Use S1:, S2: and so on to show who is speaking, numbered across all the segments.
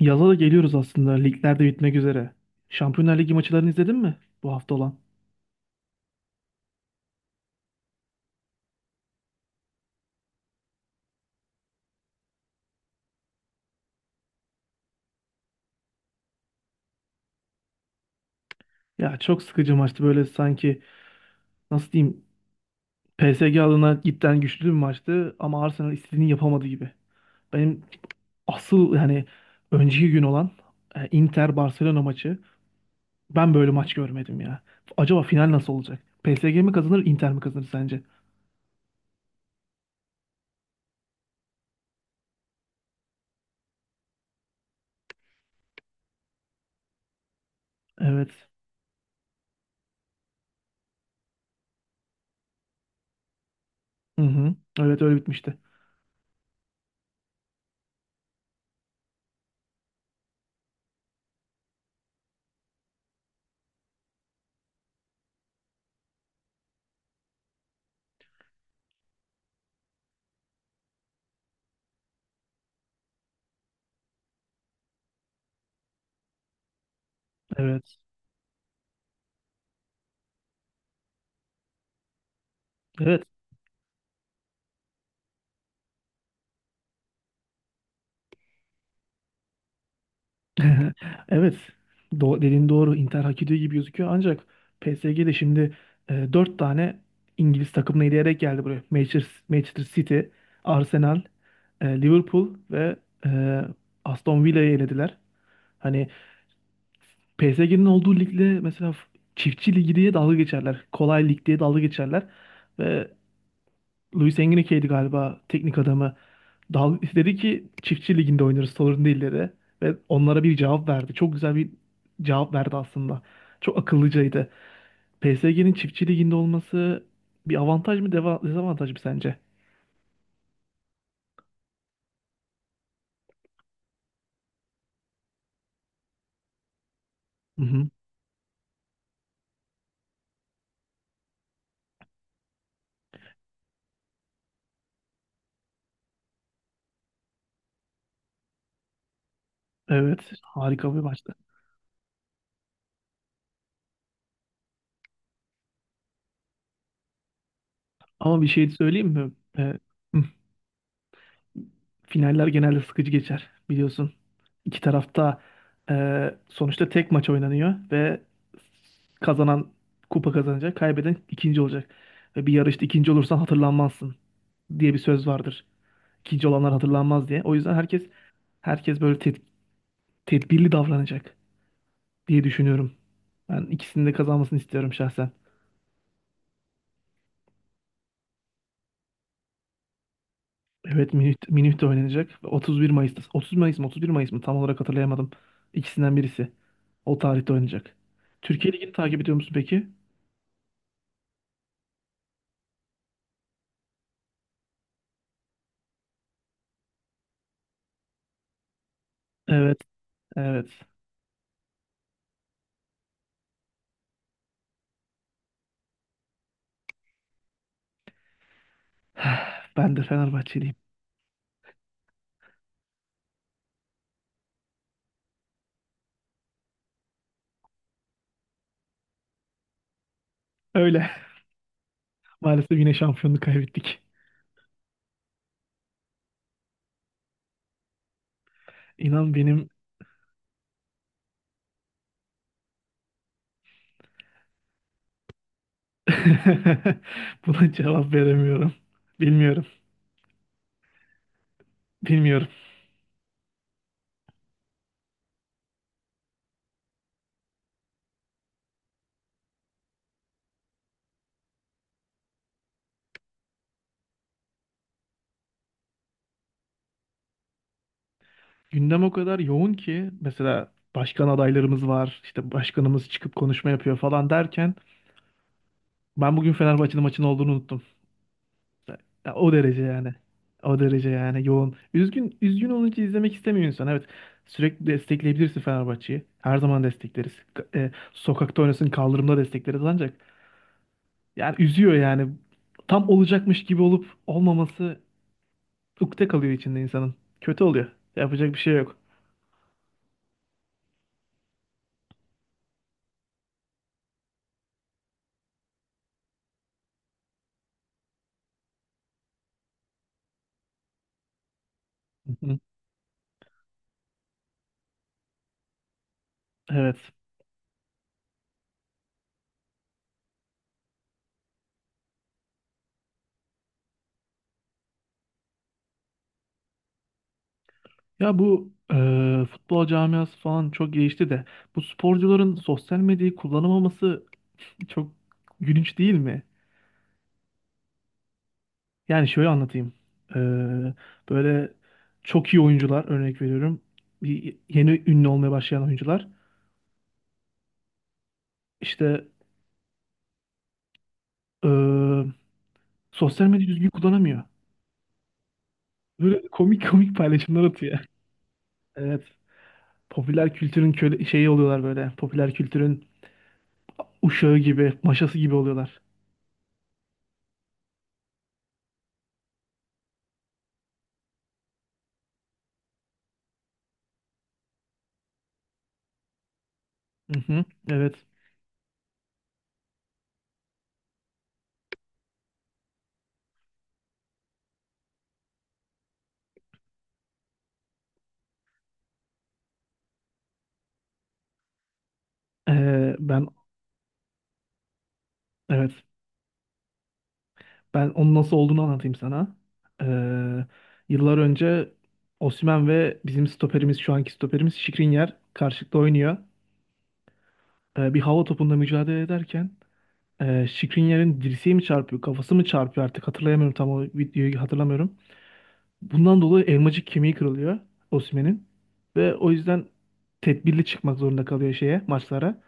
S1: Yaza da geliyoruz aslında. Ligler de bitmek üzere. Şampiyonlar Ligi maçlarını izledin mi bu hafta olan? Ya çok sıkıcı maçtı böyle sanki, nasıl diyeyim, PSG adına cidden güçlü bir maçtı ama Arsenal istediğini yapamadı gibi. Benim asıl yani önceki gün olan Inter Barcelona maçı, ben böyle maç görmedim ya. Acaba final nasıl olacak? PSG mi kazanır, Inter mi kazanır sence? Evet. Hı hı. Evet, öyle bitmişti. Evet. Evet. Evet, dediğin doğru. Inter hak ediyor gibi gözüküyor. Ancak PSG de şimdi 4 tane İngiliz takımını eleyerek geldi buraya. Manchester City, Arsenal, Liverpool ve e, Aston Villa'yı elediler. Hani PSG'nin olduğu ligle mesela çiftçi ligi diye dalga geçerler. Kolay lig diye dalga geçerler. Ve Luis Enrique'ydi galiba teknik adamı. Dedi ki çiftçi liginde oynarız, sorun değil, dedi. Ve onlara bir cevap verdi. Çok güzel bir cevap verdi aslında. Çok akıllıcaydı. PSG'nin çiftçi liginde olması bir avantaj mı, dezavantaj mı sence? Hı hı. Evet, harika bir maçtı. Ama bir şey söyleyeyim mi? Ee, hı Finaller genelde sıkıcı geçer, biliyorsun. İki tarafta sonuçta tek maç oynanıyor ve kazanan kupa kazanacak, kaybeden ikinci olacak. Ve bir yarışta ikinci olursan hatırlanmazsın diye bir söz vardır. İkinci olanlar hatırlanmaz diye. O yüzden herkes böyle tedbirli davranacak diye düşünüyorum. Ben ikisinin de kazanmasını istiyorum şahsen. Evet, Minüt'te oynanacak. 31 Mayıs'ta. 30 Mayıs mı, 31 Mayıs mı tam olarak hatırlayamadım. İkisinden birisi. O tarihte oynanacak. Türkiye Ligi'ni takip ediyor musun peki? Evet, evet. Ben de Fenerbahçeliyim. Öyle. Maalesef yine şampiyonluğu kaybettik. İnan, benim buna cevap veremiyorum. Bilmiyorum. Bilmiyorum. Gündem o kadar yoğun ki, mesela başkan adaylarımız var. İşte başkanımız çıkıp konuşma yapıyor falan derken ben bugün Fenerbahçe'nin maçın olduğunu unuttum. Ya o derece yani. O derece yani, yoğun. Üzgün üzgün olunca izlemek istemiyor insan. Evet. Sürekli destekleyebilirsin Fenerbahçe'yi. Her zaman destekleriz. Sokakta oynasın, kaldırımda destekleriz ancak yani üzüyor yani. Tam olacakmış gibi olup olmaması ukde kalıyor içinde insanın. Kötü oluyor. Yapacak bir şey yok. Hı hı. Evet. Ya bu futbol camiası falan çok gelişti de bu sporcuların sosyal medyayı kullanamaması çok gülünç değil mi? Yani şöyle anlatayım. Ee, Böyle çok iyi oyuncular, örnek veriyorum. Bir yeni ünlü olmaya başlayan oyuncular işte ee, sosyal medyayı düzgün kullanamıyor. Böyle komik komik paylaşımlar atıyor. Evet. Popüler kültürün köle şeyi oluyorlar böyle. Popüler kültürün uşağı gibi, maşası gibi oluyorlar. Hı hı. Evet. Ben evet. Ben onun nasıl olduğunu anlatayım sana. Ee, Yıllar önce Osimhen ve bizim stoperimiz, şu anki stoperimiz Skriniar karşılıklı oynuyor. Bir hava topunda mücadele ederken Skriniar'ın dirseği mi çarpıyor, kafası mı çarpıyor artık hatırlayamıyorum, tam o videoyu hatırlamıyorum. Bundan dolayı elmacık kemiği kırılıyor Osimhen'in ve o yüzden tedbirli çıkmak zorunda kalıyor şeye, maçlara,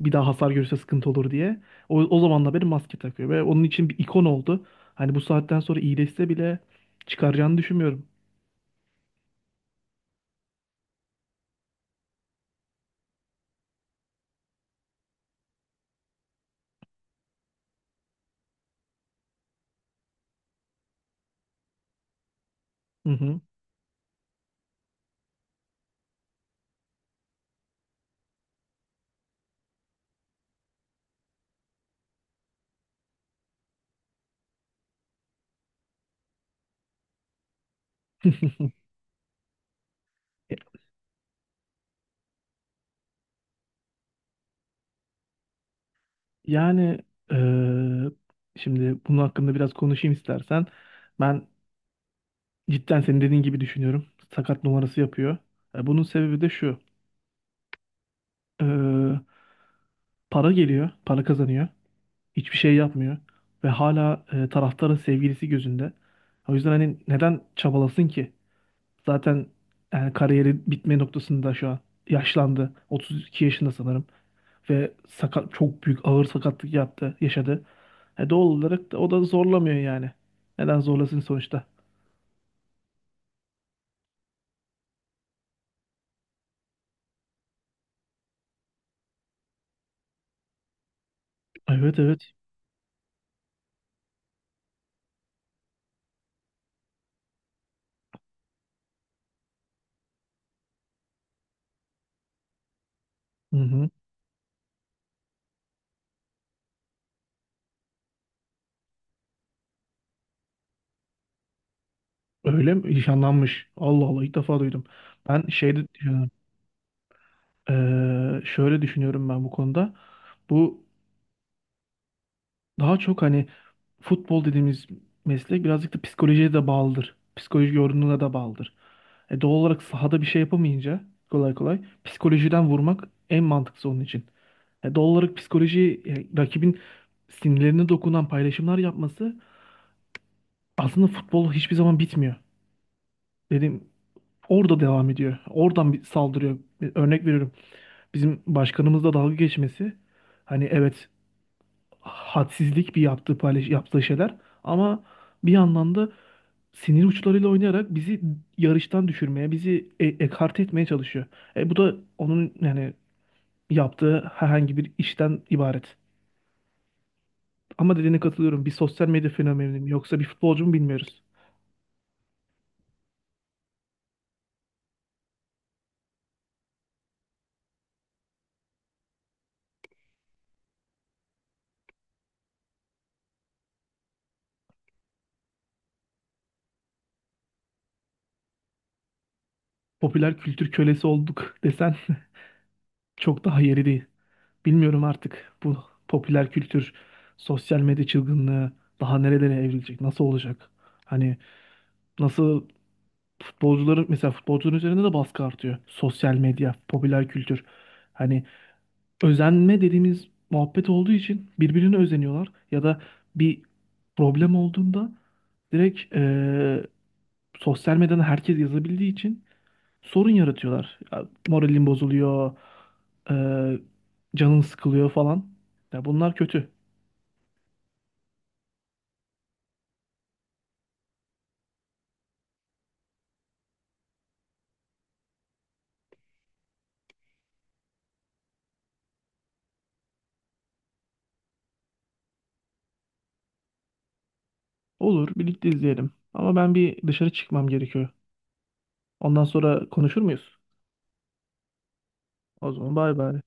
S1: bir daha hasar görürse sıkıntı olur diye. O zamandan beri maske takıyor ve onun için bir ikon oldu. Hani bu saatten sonra iyileşse bile çıkaracağını düşünmüyorum. Hı hı. E, Yani eee, şimdi bunun hakkında biraz konuşayım istersen. Ben cidden senin dediğin gibi düşünüyorum. Sakat numarası yapıyor. Bunun sebebi de şu. Eee, Para geliyor, para kazanıyor. Hiçbir şey yapmıyor. Ve hala taraftarın sevgilisi gözünde. O yüzden hani neden çabalasın ki? Zaten yani kariyeri bitme noktasında şu an. Yaşlandı. 32 yaşında sanırım. Ve sakat, çok büyük ağır sakatlık yaptı, yaşadı. Doğal olarak da o da zorlamıyor yani. Neden zorlasın sonuçta? Evet, evet. Hı hı. Öyle mi? Nişanlanmış. Allah Allah, ilk defa duydum. Ben şeyde şöyle düşünüyorum ben bu konuda. Bu Daha çok hani futbol dediğimiz meslek birazcık da psikolojiye de bağlıdır. Psikoloji yorumuna da bağlıdır. Doğal olarak sahada bir şey yapamayınca kolay kolay psikolojiden vurmak en mantıklısı onun için. Doğal olarak psikoloji, rakibin sinirlerine dokunan paylaşımlar yapması, aslında futbol hiçbir zaman bitmiyor. Dedim, orada devam ediyor. Oradan bir saldırıyor. Örnek veriyorum. Bizim başkanımızla dalga geçmesi. Hani evet, hadsizlik bir yaptığı yaptığı şeyler ama bir yandan da sinir uçlarıyla oynayarak bizi yarıştan düşürmeye, bizi ekarte etmeye çalışıyor. Bu da onun yani yaptığı herhangi bir işten ibaret. Ama dediğine katılıyorum. Bir sosyal medya fenomeni mi yoksa bir futbolcu mu bilmiyoruz. Popüler kültür kölesi olduk desen çok daha yeri değil. Bilmiyorum artık bu popüler kültür, sosyal medya çılgınlığı daha nerelere evrilecek, nasıl olacak? Hani nasıl, futbolcuların mesela, futbolcuların üzerinde de baskı artıyor. Sosyal medya, popüler kültür. Hani özenme dediğimiz muhabbet olduğu için birbirine özeniyorlar ya da bir problem olduğunda direkt sosyal medyadan herkes yazabildiği için sorun yaratıyorlar. Ya, moralin bozuluyor, eee canın sıkılıyor falan. Ya, bunlar kötü. Olur, birlikte izleyelim. Ama ben bir dışarı çıkmam gerekiyor. Ondan sonra konuşur muyuz? O zaman bay bay.